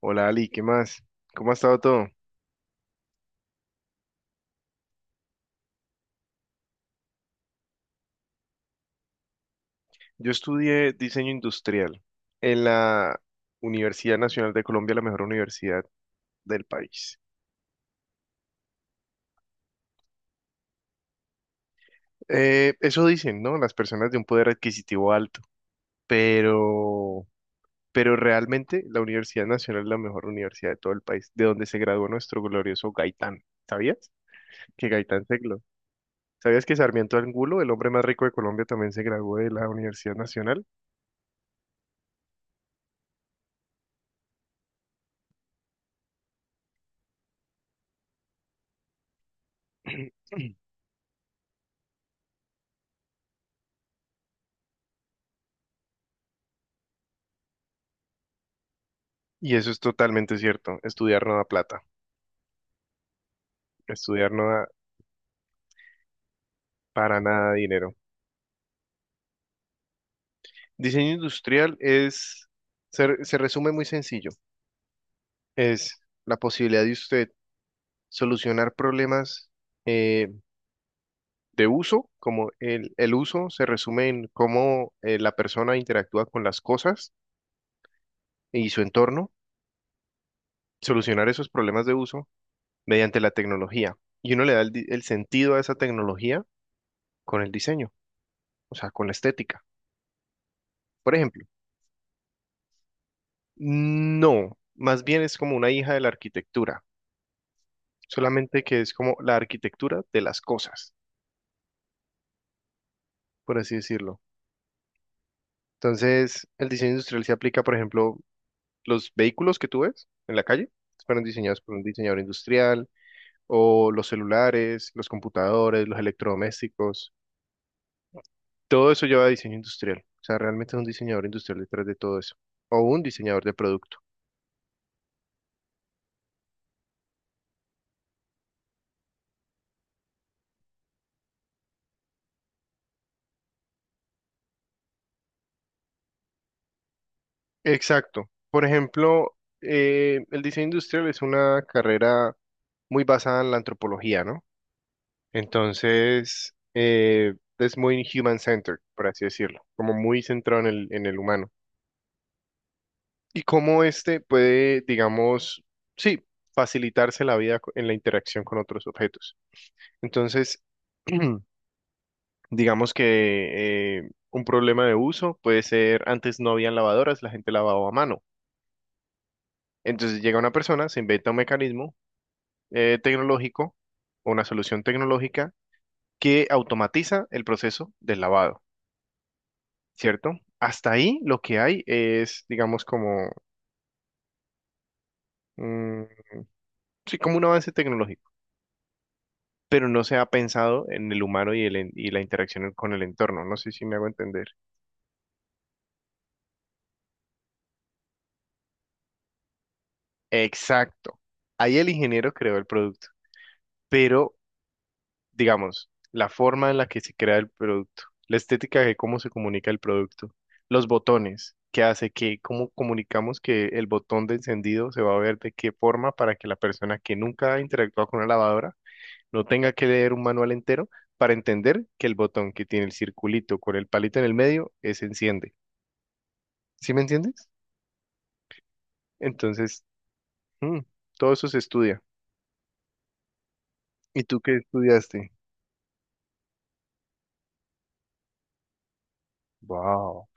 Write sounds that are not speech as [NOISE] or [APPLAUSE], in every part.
Hola Ali, ¿qué más? ¿Cómo ha estado todo? Yo estudié diseño industrial en la Universidad Nacional de Colombia, la mejor universidad del país. Eso dicen, ¿no? Las personas de un poder adquisitivo alto, pero, pero realmente la Universidad Nacional es la mejor universidad de todo el país, de donde se graduó nuestro glorioso Gaitán. ¿Sabías que Sabías que Sarmiento Angulo, el hombre más rico de Colombia, también se graduó de la Universidad Nacional? [CLEARS THROAT] Y eso es totalmente cierto, estudiar no da plata. Estudiar no da para nada dinero. Diseño industrial se resume muy sencillo. Es la posibilidad de usted solucionar problemas eh, de uso, como el uso se resume en cómo la persona interactúa con las cosas y su entorno, solucionar esos problemas de uso mediante la tecnología. Y uno le da el sentido a esa tecnología con el diseño, o sea, con la estética. Por ejemplo, no, más bien es como una hija de la arquitectura, solamente que es como la arquitectura de las cosas, por así decirlo. Entonces, el diseño industrial se aplica, por ejemplo, los vehículos que tú ves en la calle fueron diseñados por un diseñador industrial, o los celulares, los computadores, los electrodomésticos, todo eso lleva a diseño industrial. O sea, realmente es un diseñador industrial detrás de todo eso, o un diseñador de producto. Exacto. Por ejemplo, el diseño industrial es una carrera muy basada en la antropología, ¿no? Entonces, es muy human-centered, por así decirlo, como muy centrado en en el humano. Y cómo este puede, digamos, sí, facilitarse la vida en la interacción con otros objetos. Entonces, [CLEARS THROAT] digamos que un problema de uso puede ser, antes no había lavadoras, la gente lavaba a mano. Entonces llega una persona, se inventa un mecanismo tecnológico o una solución tecnológica que automatiza el proceso del lavado. ¿Cierto? Hasta ahí lo que hay es, digamos, como, mm, sí, como un avance tecnológico, pero no se ha pensado en el humano y la interacción con el entorno. No sé si me hago entender. Exacto. Ahí el ingeniero creó el producto, pero, digamos, la forma en la que se crea el producto, la estética de cómo se comunica el producto, los botones. ¿Qué hace que, cómo comunicamos que el botón de encendido se va a ver de qué forma para que la persona que nunca ha interactuado con una lavadora no tenga que leer un manual entero para entender que el botón que tiene el circulito con el palito en el medio es enciende? ¿Sí me entiendes? Entonces, mm, todo eso se estudia. ¿Y tú qué estudiaste? Wow.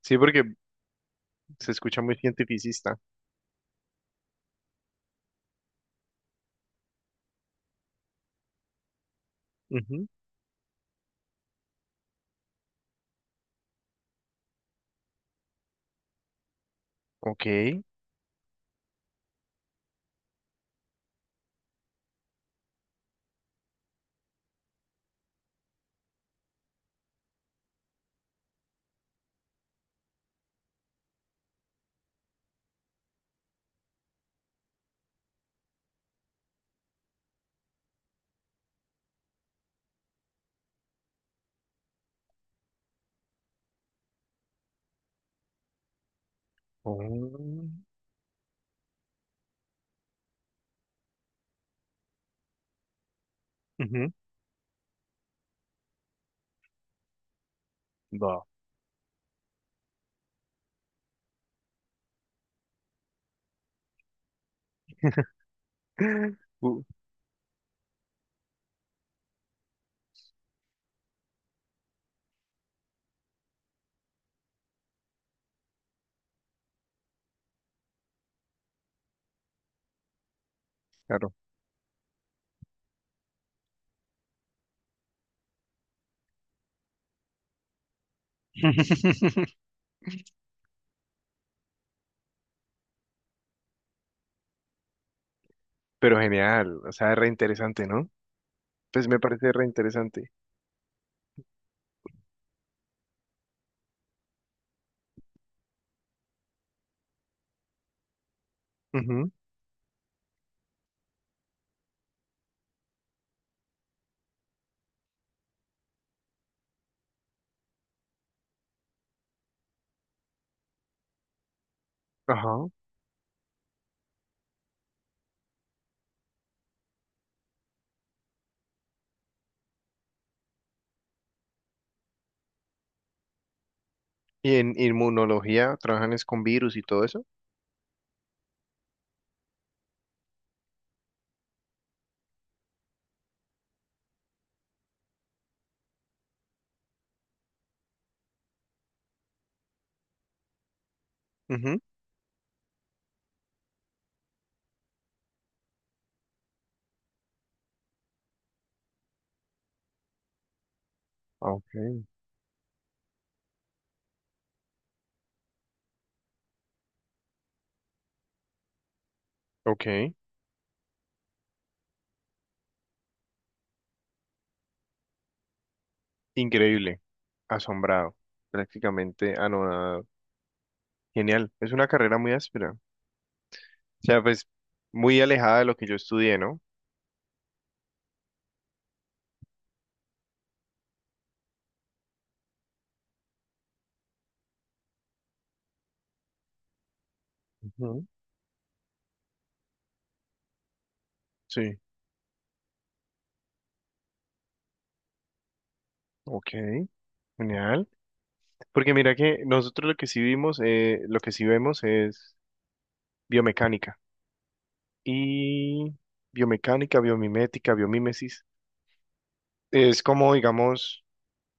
Sí, porque se escucha muy cientificista. Ujú. Ok. Oh, ujú. Va. [LAUGHS] Uh, claro. [LAUGHS] Pero genial, o sea, re interesante, ¿no? Pues me parece re interesante. Ujú, ajá. ¿Y en inmunología trabajan es con virus y todo eso? Ujú. Ok, ok. Increíble. Asombrado. Prácticamente anonadado. Genial. Es una carrera muy áspera. O sea, pues muy alejada de lo que yo estudié, ¿no? Ujú, sí. Ok. Genial. Porque mira que nosotros lo que sí vimos, lo que sí vemos es biomecánica. Y biomecánica, biomimética, biomimesis. Es como, digamos,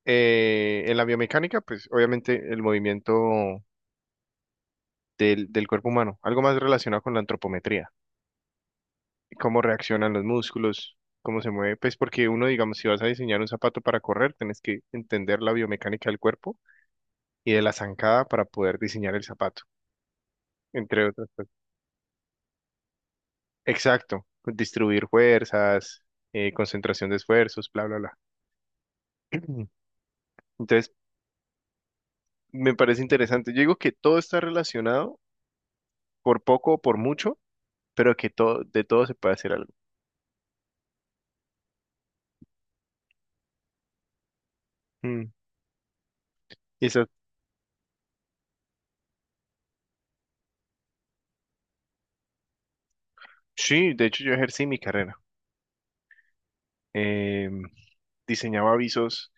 en la biomecánica, pues obviamente el movimiento del cuerpo humano, algo más relacionado con la antropometría. Cómo reaccionan los músculos, cómo se mueve, pues porque uno, digamos, si vas a diseñar un zapato para correr, tienes que entender la biomecánica del cuerpo y de la zancada para poder diseñar el zapato, entre otras cosas. Exacto, distribuir fuerzas, concentración de esfuerzos, bla, bla, bla. [CLEARS THROAT] Entonces, me parece interesante. Yo digo que todo está relacionado, por poco o por mucho, pero que todo, de todo se puede hacer algo. Mm. Y eso, sí, de hecho yo ejercí mi carrera. Em, diseñaba avisos,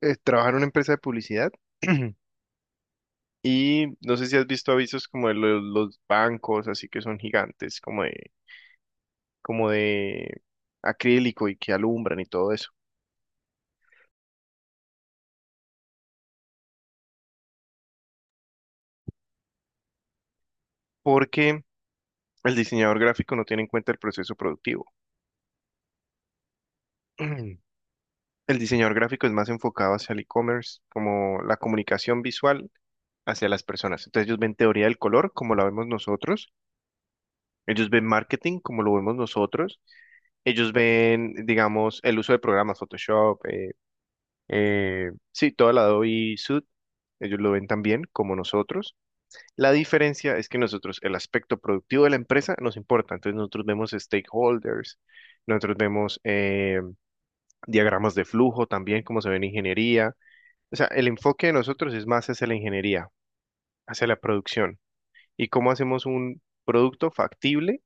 trabajo en una empresa de publicidad [CLEARS THROAT] y no sé si has visto avisos como de los bancos, así que son gigantes, como de acrílico y que alumbran y todo eso, porque el diseñador gráfico no tiene en cuenta el proceso productivo. [CLEARS THROAT] El diseñador gráfico es más enfocado hacia el e-commerce, como la comunicación visual hacia las personas. Entonces ellos ven teoría del color como la vemos nosotros, ellos ven marketing como lo vemos nosotros. Ellos ven, digamos, el uso de programas, Photoshop, sí, toda la Adobe Sud, ellos lo ven también como nosotros. La diferencia es que nosotros, el aspecto productivo de la empresa nos importa. Entonces nosotros vemos stakeholders, nosotros vemos diagramas de flujo también, como se ve en ingeniería. O sea, el enfoque de nosotros es más hacia la ingeniería, hacia la producción y cómo hacemos un producto factible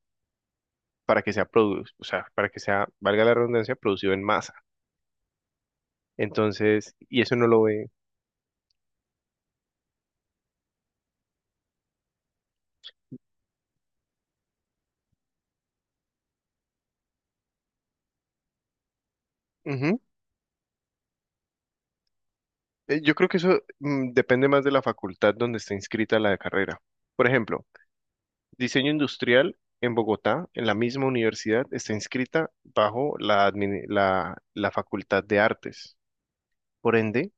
para que sea o sea, para que sea, valga la redundancia, producido en masa. Entonces, y eso no lo ve. Yo creo que eso depende más de la facultad donde está inscrita la carrera. Por ejemplo, diseño industrial en Bogotá, en la misma universidad, está inscrita bajo la facultad de artes. Por ende,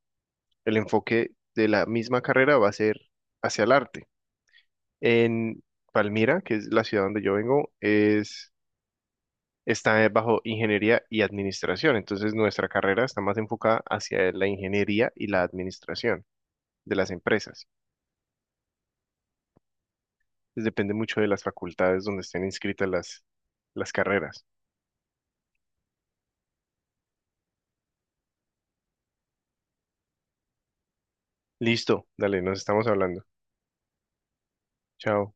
el enfoque de la misma carrera va a ser hacia el arte. En Palmira, que es la ciudad donde yo vengo, es, está bajo ingeniería y administración. Entonces, nuestra carrera está más enfocada hacia la ingeniería y la administración de las empresas. Pues depende mucho de las facultades donde estén inscritas las carreras. Listo, dale, nos estamos hablando. Chao.